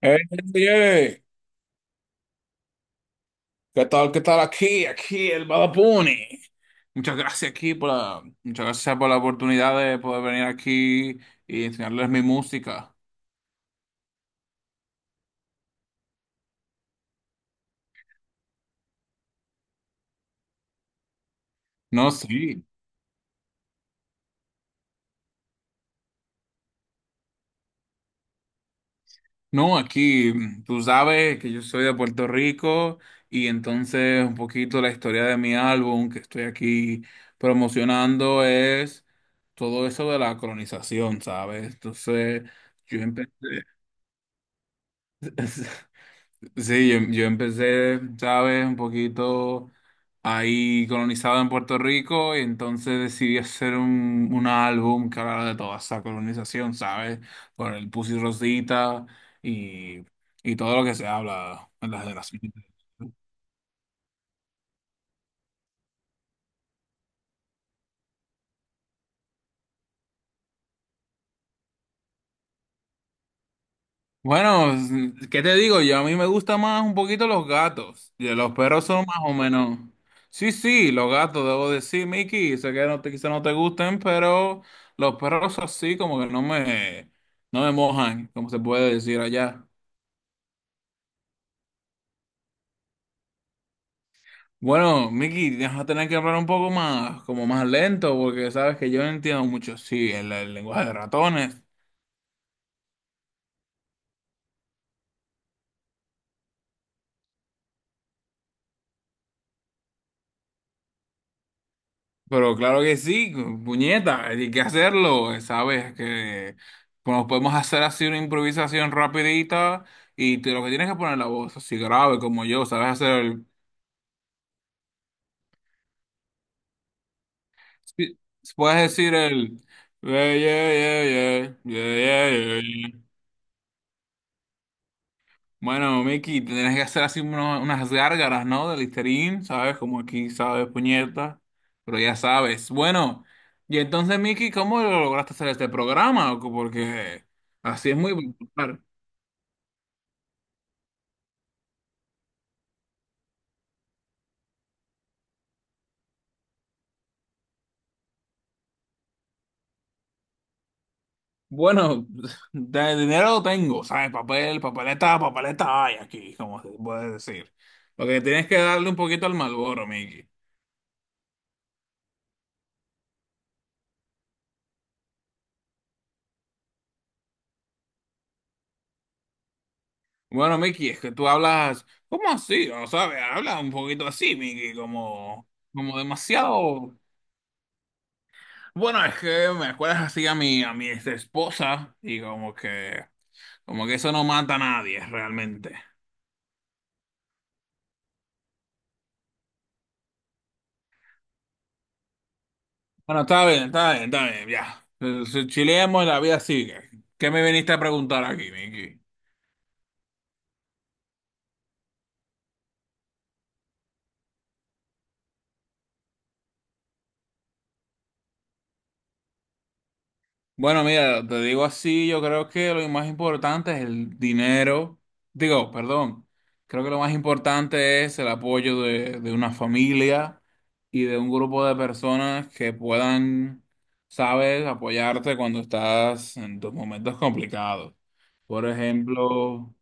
Hey, DJ, ¿qué tal? ¿Qué tal aquí? Aquí el Badapuni. Muchas gracias aquí muchas gracias por la oportunidad de poder venir aquí y enseñarles mi música. No, sí. No, aquí tú sabes que yo soy de Puerto Rico y entonces un poquito la historia de mi álbum que estoy aquí promocionando es todo eso de la colonización, ¿sabes? Entonces yo empecé. Sí, yo empecé, ¿sabes? Un poquito ahí colonizado en Puerto Rico y entonces decidí hacer un álbum que hablara de toda esa colonización, ¿sabes? Por el Pussy Rosita y, y todo lo que se habla en las generaciones. Bueno, ¿qué te digo? Yo a mí me gustan más un poquito los gatos. Y los perros son más o menos. Sí, sí, los gatos, debo decir, Mickey. Sé que quizá no te gusten, pero los perros así como que no me mojan, como se puede decir allá. Bueno, Mickey, vas a tener que hablar un poco más, como más lento, porque sabes que yo no entiendo mucho, sí, el lenguaje de ratones. Pero claro que sí, puñeta, hay que hacerlo, ¿sabes? Que bueno, podemos hacer así una improvisación rapidita y te, lo que tienes que poner la voz así grave como yo, ¿sabes? Hacer el... sí, puedes decir el... Yeah, yeah, yeah, yeah, yeah, yeah, yeah, yeah. Bueno, Miki, te tienes que hacer así unas gárgaras, ¿no? De Listerine, ¿sabes? Como aquí, ¿sabes? Puñeta. Pero ya sabes. Bueno, y entonces, Miki, ¿cómo lo lograste hacer este programa? Porque así es muy popular. Bueno, de dinero tengo, ¿sabes? Papel, papeleta, papeleta hay aquí, como se puede decir. Lo que tienes que darle un poquito al Malboro, Miki. Bueno, Miki, es que tú hablas, ¿cómo así? ¿No sabes? Habla un poquito así, Miki, como, como demasiado. Bueno, es que me acuerdas así a a mi ex esposa y como que eso no mata a nadie realmente. Bueno, está bien, está bien, está bien, ya. Si Chileamos y la vida sigue. ¿Qué me viniste a preguntar aquí, Miki? Bueno, mira, te digo así, yo creo que lo más importante es el dinero. Digo, perdón, creo que lo más importante es el apoyo de una familia y de un grupo de personas que puedan, sabes, apoyarte cuando estás en tus momentos complicados. Por ejemplo,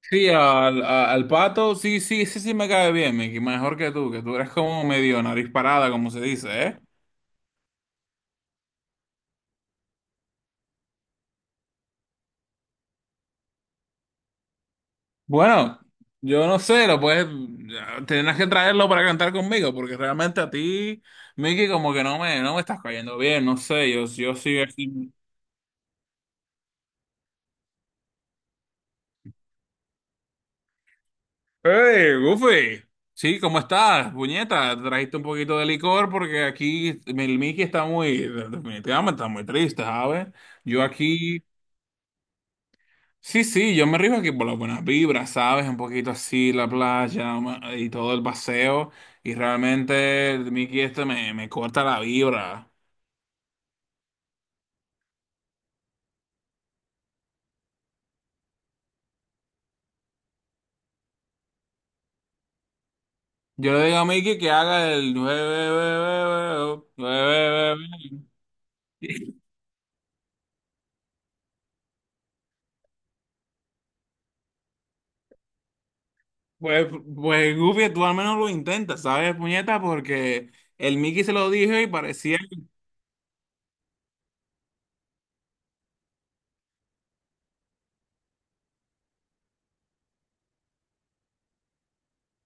sí, al pato, sí, sí, sí, sí me cae bien, Mickey, mejor que tú eres como medio nariz parada, como se dice, ¿eh? Bueno, yo no sé, lo puedes, tendrás que traerlo para cantar conmigo, porque realmente a ti, Mickey, como que no me estás cayendo bien, no sé, yo sigo aquí. ¡Hey, Goofy! Sí, ¿cómo estás, puñeta? Trajiste un poquito de licor porque aquí el Mickey está muy, definitivamente está muy triste, ¿sabes? Yo aquí, sí, sí, yo me río aquí por las buenas vibras, ¿sabes? Un poquito así, y todo el paseo, y realmente el Mickey este me corta la vibra. Yo le digo a Mickey que haga el... Pues, pues Goofy, tú al menos lo intentas, ¿sabes, puñeta? Porque el Mickey se lo dijo y parecía...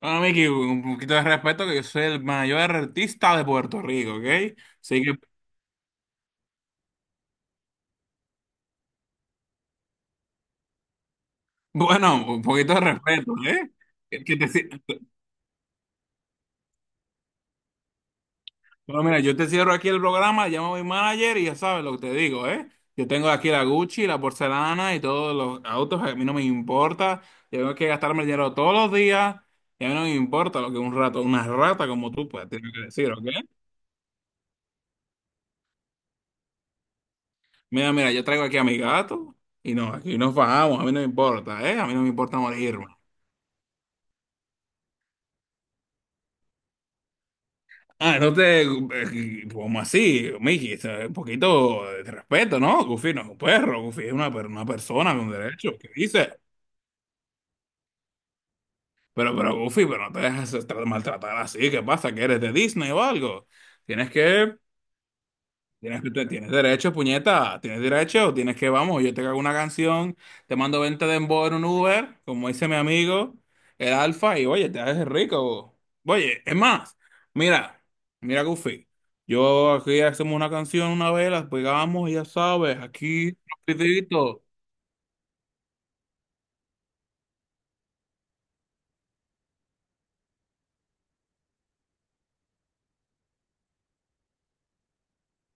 Bueno, Mickey, un poquito de respeto, que yo soy el mayor artista de Puerto Rico, ¿ok? Así que, bueno, un poquito de respeto, ¿eh? Que te, si- Bueno, mira, yo te cierro aquí el programa, llamo a mi manager y ya sabes lo que te digo, ¿eh? Yo tengo aquí la Gucci, la porcelana y todos los autos, a mí no me importa. Yo tengo que gastarme el dinero todos los días y a mí no me importa lo que un rato, una rata como tú, pues, tienes que decir, ¿ok? Mira, mira, yo traigo aquí a mi gato y no, aquí nos bajamos, a mí no me importa, ¿eh? A mí no me importa morirme. Ah, no te, como así, Miki, o sea, un poquito de respeto, ¿no? Goofy no es un perro, Goofy es una persona con derecho, ¿qué dices? Pero Goofy, pero no te dejes maltratar así. ¿Qué pasa? ¿Que eres de Disney o algo? Tienes que, Tienes derecho, puñeta. Tienes derecho, tienes que, vamos, yo te hago una canción, te mando 20 de dembow en un Uber, como dice mi amigo, el Alfa, y oye, te haces rico. Oye, es más, mira, mira Goofy. Yo aquí hacemos una canción una vez, las pegamos, ya sabes, aquí, rapidito.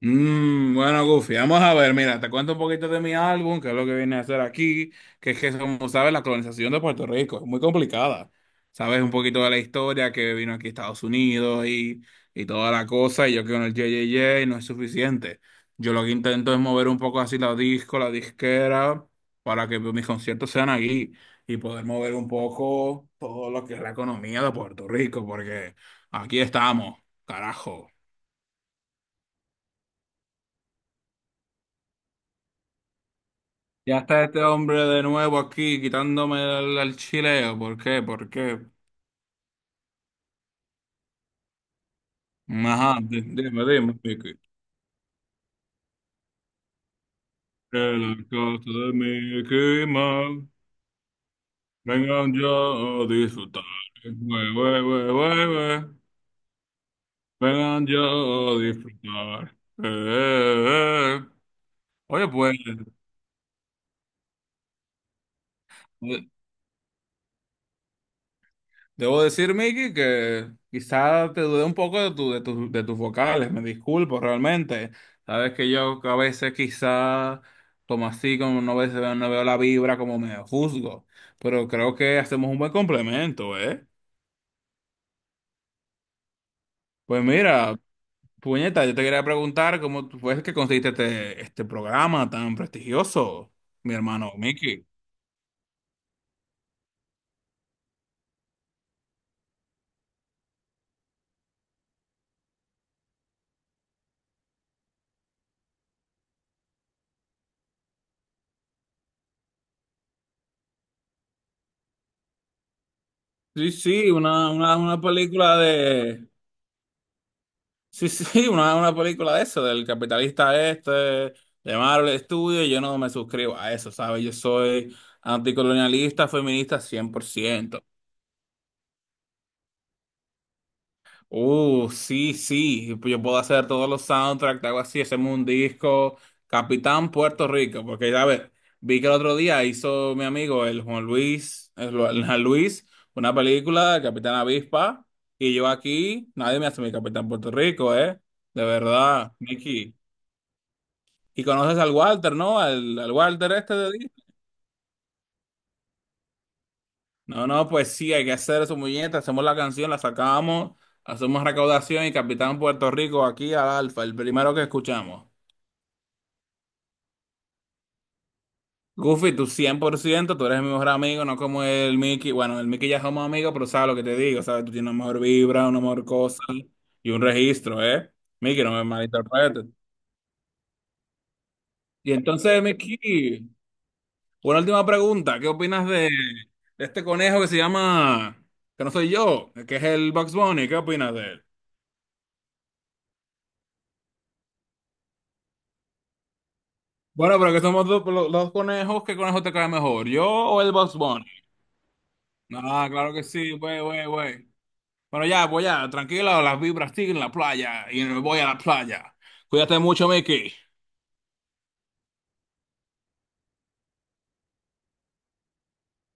Bueno, Goofy, vamos a ver, mira, te cuento un poquito de mi álbum, que es lo que viene a hacer aquí, que es que, como sabes, la colonización de Puerto Rico es muy complicada. Sabes un poquito de la historia que vino aquí a Estados Unidos y toda la cosa, y yo que con el JJJ no es suficiente. Yo lo que intento es mover un poco así la disquera, para que mis conciertos sean aquí y poder mover un poco todo lo que es la economía de Puerto Rico, porque aquí estamos, carajo. Ya está este hombre de nuevo aquí quitándome el chileo. ¿Por qué? ¿Por qué? Ajá, dime, dime, Vicky. Que las cosas de mi esquema vengan yo a disfrutar. Güey, güey, güey, güey, güey. Vengan yo a disfrutar. Eh. Oye, pues, eh, Debo decir, Miki, que quizá te dudé un poco de de tus vocales, me disculpo realmente. Sabes que yo a veces quizá como así, como no veo la vibra, como me juzgo, pero creo que hacemos un buen complemento, ¿eh? Pues mira, puñeta, yo te quería preguntar cómo fue que conseguiste este programa tan prestigioso, mi hermano Miki. Sí, sí, una película de... Sí, sí, una película de eso, del capitalista este, de Marvel Studios, yo no me suscribo a eso, ¿sabes? Yo soy anticolonialista, feminista 100%. Sí, sí, yo puedo hacer todos los soundtracks, algo así, hacemos un disco, Capitán Puerto Rico, porque ya ves, vi que el otro día hizo mi amigo, el Juan Luis, el Juan Luis, una película de Capitán Avispa, y yo aquí, nadie me hace mi Capitán Puerto Rico, ¿eh? De verdad, Mickey. Y conoces al Walter, ¿no? Al Walter este de Disney. No, no, pues sí, hay que hacer su muñeca, hacemos la canción, la sacamos, hacemos recaudación y Capitán Puerto Rico aquí al Alfa, el primero que escuchamos. Goofy, tú 100%, tú eres mi mejor amigo, no como el Mickey. Bueno, el Mickey ya somos amigos, pero sabes lo que te digo, ¿sabes? Tú tienes una mejor vibra, una mejor cosa y un registro, ¿eh? Mickey, no me malinterpretes. Y entonces, Mickey, una última pregunta, ¿qué opinas de este conejo que se llama, que no soy yo, que es el Bugs Bunny? ¿Qué opinas de él? Bueno, pero que somos dos, dos conejos, ¿qué conejo te cae mejor, yo o el Bugs Bunny? Ah, claro que sí, güey, güey, güey. Bueno, ya, pues ya, tranquila, las vibras siguen en la playa y me voy a la playa. Cuídate mucho, Mickey.